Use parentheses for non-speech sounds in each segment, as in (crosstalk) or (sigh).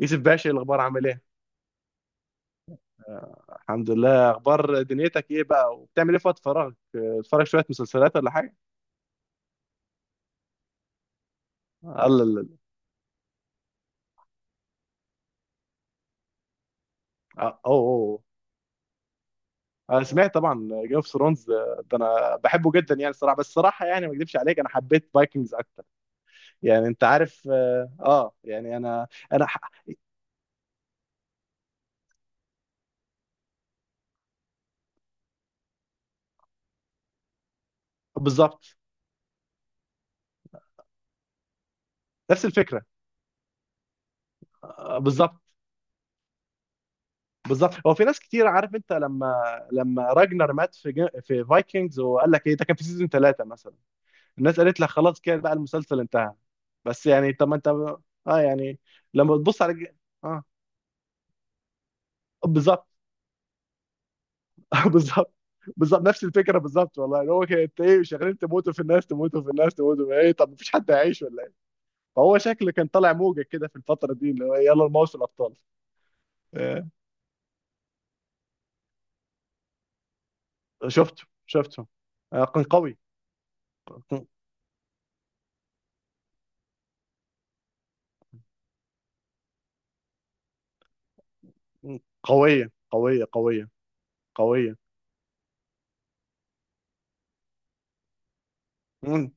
يوسف باشا، إيه الاخبار؟ عامل ايه؟ آه، الحمد لله. اخبار دنيتك ايه بقى؟ وبتعمل ايه في وقت فراغك؟ آه، بتتفرج شويه مسلسلات ولا حاجه؟ آه، الله الله الله. آه، اوه اوه. انا سمعت طبعا جيم اوف ثرونز. ده انا بحبه جدا يعني الصراحه. بس الصراحه يعني ما اكذبش عليك، انا حبيت فايكنجز اكتر. يعني انت عارف، يعني انا بالظبط. نفس الفكره. آه، بالظبط بالظبط. هو في ناس كتير عارف. انت لما راجنر مات في في فايكنجز، وقال لك ايه ده؟ كان في سيزون ثلاثه مثلا. الناس قالت لك خلاص كده بقى، المسلسل انتهى. بس يعني طب ما انت. اه يعني لما تبص على اه بالظبط. (laughs) بالظبط. بالظبط نفس الفكره بالظبط والله. يعني هو كان انت ايه؟ شغالين تموتوا في الناس، تموتوا في الناس، تموتوا في ايه؟ طب مفيش حد هيعيش ولا ايه؟ فهو شكله كان طالع موجه كده في الفتره دي، اللي هو إيه، يلا الموسم الابطال. آه، شفته شفته. آه، كان قوي. ق- قويه قويه قويه قويه. مم.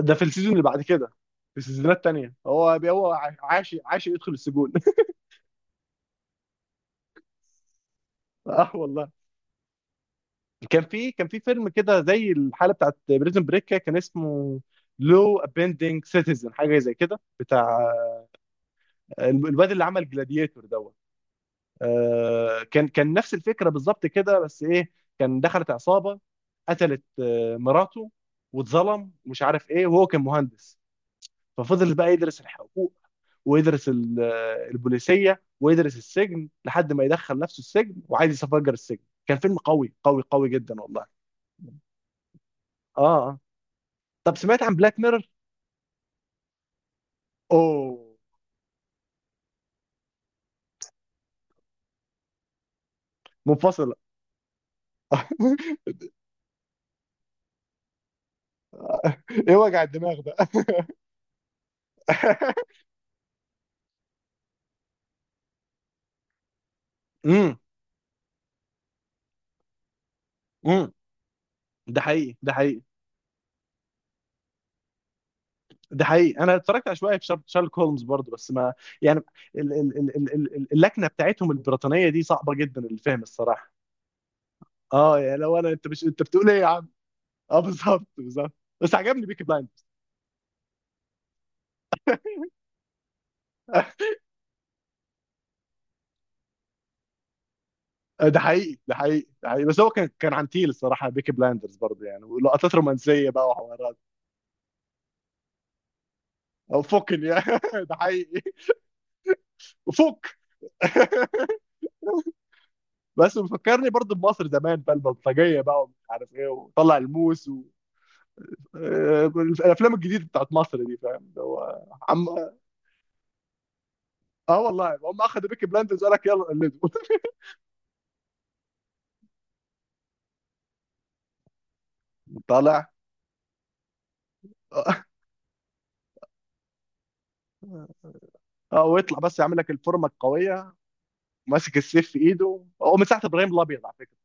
ده في السيزون اللي بعد كده. في السيزونات التانية هو عاش عاش يدخل السجون. اه والله. كان في فيلم كده زي الحاله بتاعت بريزن بريك، كان اسمه لو ابندنج سيتيزن، حاجه زي كده بتاع الواد اللي عمل جلاديتور دوت. آه، كان نفس الفكره بالظبط كده. بس ايه، كان دخلت عصابه، قتلت مراته، واتظلم مش عارف ايه، وهو كان مهندس. ففضل بقى يدرس الحقوق، ويدرس البوليسيه، ويدرس السجن لحد ما يدخل نفسه السجن وعايز يفجر السجن. كان فيلم قوي قوي قوي جدا والله. اه اه. طب سمعت عن بلاك ميرور؟ اوه. منفصلة. (laughs) ايه وجع الدماغ ده؟ (laughs) امم امم ده حقيقي ده حقيقي. ده حقيقي انا اتفرجت على شويه في شارلوك هولمز برضه، بس ما يعني اللكنه بتاعتهم البريطانيه دي صعبه جدا الفهم الصراحه. اه يعني لو انا، انت مش، انت بتقول ايه يا عم؟ اه بالظبط بالظبط. بس عجبني بيكي بلايند. (laughs) ده حقيقي ده حقيقي ده حقيقي. بس هو كان عن تيل الصراحه بيكي بلايندرز برضه، يعني ولقطات رومانسيه بقى وحوارات. او فوكن يعني. (laughs) ده حقيقي. وفوك. بس بيفكرني برضه بمصر زمان بقى البلطجيه بقى، ومش عارف ايه، وطلع الموس و... آه، الافلام الجديده بتاعت مصر دي، فاهم اللي هو عم اه. آه والله هم اخذوا بيكي بلاندرز، قال لك يلا قلده. (laughs) طالع. اه. آه، ويطلع بس يعمل لك الفورمه القويه، ماسك السيف في ايده هو، من ساعه ابراهيم الابيض، على فكره.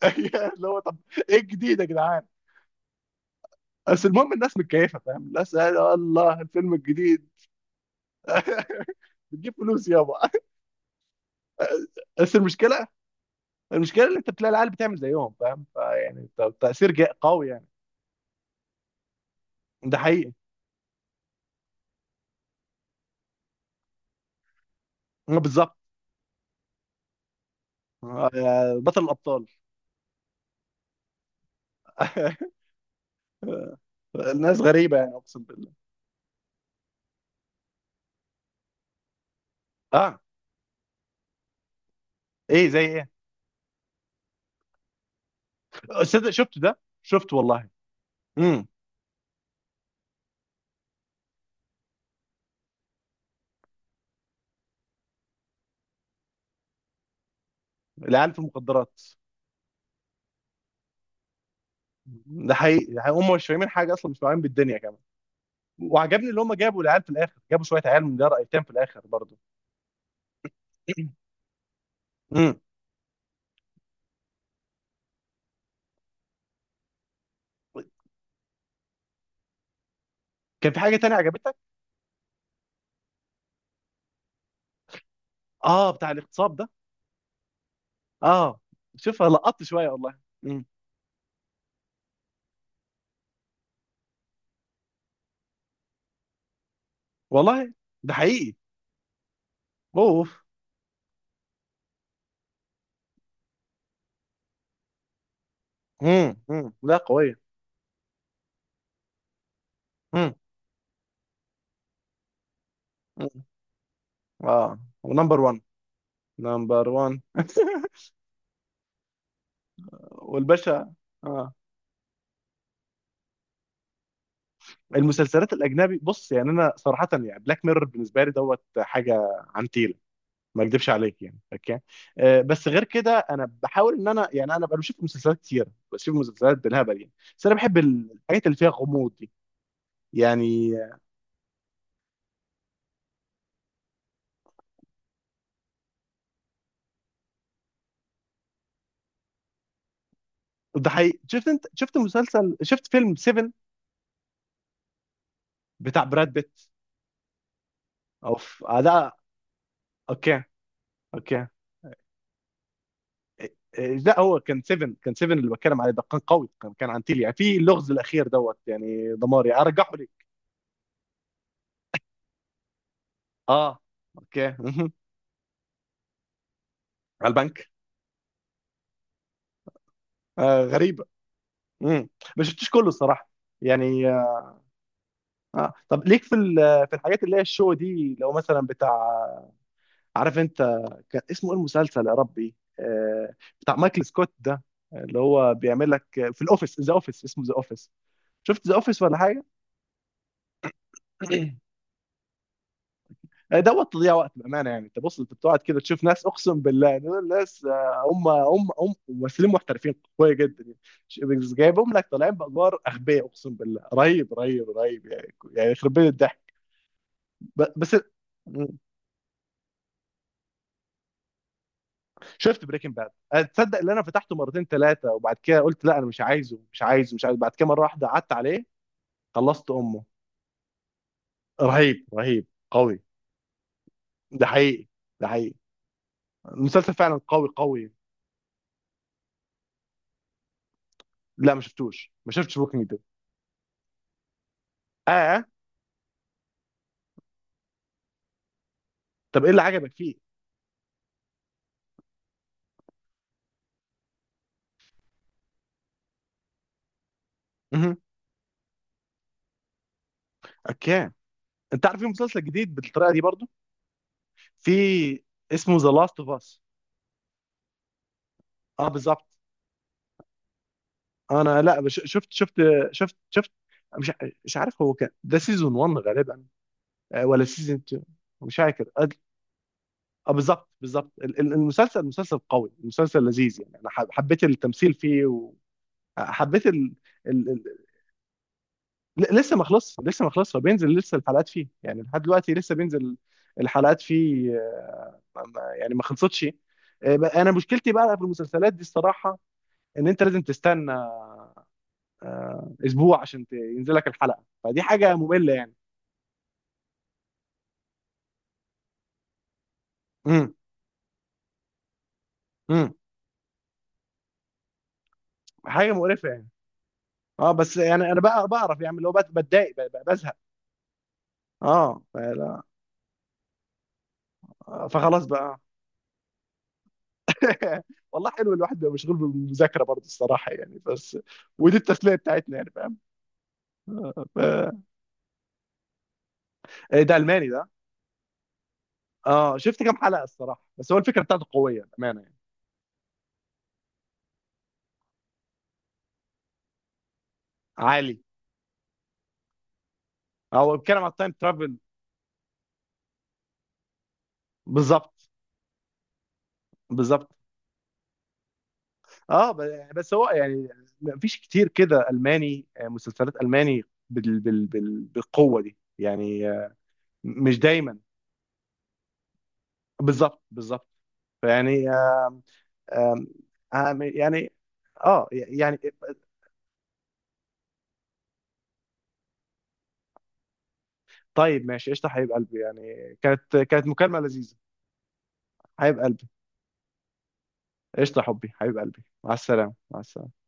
(laughs) اللي هو طب ايه الجديد يا جدعان؟ بس المهم، الناس متكيفه، فاهم، الناس قال الله الفيلم الجديد. (laughs) بتجيب فلوس يابا. (laughs) بس المشكله اللي انت بتلاقي العيال بتعمل زيهم، فاهم، فيعني تاثير قوي يعني. ده حقيقي. آه، بالظبط. آه، يا بطل الابطال. (laughs) الناس غريبه يعني اقسم بالله. اه، ايه زي ايه؟ صدق شفت ده، شفت والله. امم العيال في المخدرات. ده حقيقي ده حقيقي. هم مش فاهمين حاجه اصلا، مش فاهمين بالدنيا كمان. وعجبني اللي هم جابوا العيال في الاخر، جابوا شويه عيال من جرأة ايتام في الاخر برضه. امم. (clears throat) كان في حاجه تانية عجبتك؟ اه، بتاع الاغتصاب ده. اه، شوفها لقطت شويه والله. والله ده حقيقي. اوف. امم، لا قويه. امم. اه، ونمبر 1. نمبر 1. (laughs) والباشا. اه. المسلسلات الاجنبي، بص يعني انا صراحه، يعني بلاك ميرور بالنسبه لي دوت حاجه. عنتيله. ما اكدبش عليك يعني، اوكي. آه بس غير كده انا بحاول ان انا بقى بشوف مسلسلات كتير، بشوف مسلسلات بالهبل يعني. بس انا بحب الحاجات اللي فيها غموض دي يعني. ده حقيقي. شفت، انت شفت مسلسل، شفت فيلم 7 بتاع براد بيت. اوف آه، ده اوكي اوكي. إيه، إيه، لا هو كان 7 كان 7 اللي بتكلم عليه ده، كان قوي. كان عن تيليا في اللغز الاخير دوت، يعني دماري رجعه لي. اه اوكي مهم. على البنك. آه غريبه. مم. ما شفتش كله الصراحه يعني آه. آه. طب ليك في في الحاجات اللي هي الشو دي، لو مثلا بتاع، عارف انت، كان اسمه ايه المسلسل يا ربي آه، بتاع مايكل سكوت ده، اللي هو بيعمل لك في الاوفيس، ذا اوفيس اسمه. ذا اوفيس، شفت ذا اوفيس ولا حاجه؟ (clears throat) دوت تضييع وقت بامانه يعني. انت بص، انت بتقعد كده تشوف ناس اقسم بالله، دول ناس، آه، هم ممثلين محترفين قويه جدا يعني. بس جايبهم لك طالعين بادوار اغبياء اقسم بالله، رهيب رهيب رهيب يعني يخرب بيت الضحك. بس. م. شفت بريكنج باد. تصدق ان انا فتحته مرتين ثلاثه، وبعد كده قلت لا انا مش عايزه مش عايزه مش عايزه، بعد كده مره واحده قعدت عليه. خلصت امه. رهيب رهيب قوي. ده حقيقي ده حقيقي. المسلسل فعلا قوي قوي. لا ما شفتوش، ما شفتش بوكينج. ده طب ايه اللي عجبك فيه؟ مهم. اوكي. انت عارف في مسلسل جديد بالطريقه دي برضو. في اسمه ذا لاست اوف اس. اه بالظبط. انا لا بش- شفت مش ع- مش عارف هو كان ده سيزون 1 غالبا، آه، ولا سيزون 2؟ مش فاكر اه. آه، بالظبط بالظبط. المسلسل مسلسل قوي، مسلسل لذيذ يعني. انا حبيت التمثيل فيه وحبيت لسه ما خلصش فبينزل لسه الحلقات فيه يعني، لحد دلوقتي لسه بينزل الحلقات فيه. يعني ما خلصتش. انا مشكلتي بقى في المسلسلات دي الصراحه، ان انت لازم تستنى اسبوع عشان ينزل لك الحلقه، فدي حاجه ممله يعني. امم، امم. حاجه مقرفه يعني. اه بس يعني انا بقى بعرف يعني، اللي هو بتضايق، بزهق. اه فلا، آه، فخلاص بقى. (laughs) والله حلو، الواحد بيبقى مشغول بالمذاكره برضه الصراحه يعني، بس ودي التسليه بتاعتنا يعني. فاهم. إيه ده؟ الماني ده؟ اه شفت كام حلقه الصراحه، بس هو الفكره بتاعته قويه بامانه يعني. عالي. هو بيتكلم على التايم ترافل. بالظبط بالظبط. اه بس هو يعني مفيش كتير كده الماني، آه، مسلسلات الماني بالقوه دي يعني آه، مش دايما. بالظبط بالظبط. فيعني آم، آم، آم، يعني اه يعني. طيب، ماشي قشطه حبيب قلبي. يعني كانت مكالمه لذيذه. حبيب قلبي. قشطه، حبيب قلبي، مع السلامه مع السلامه.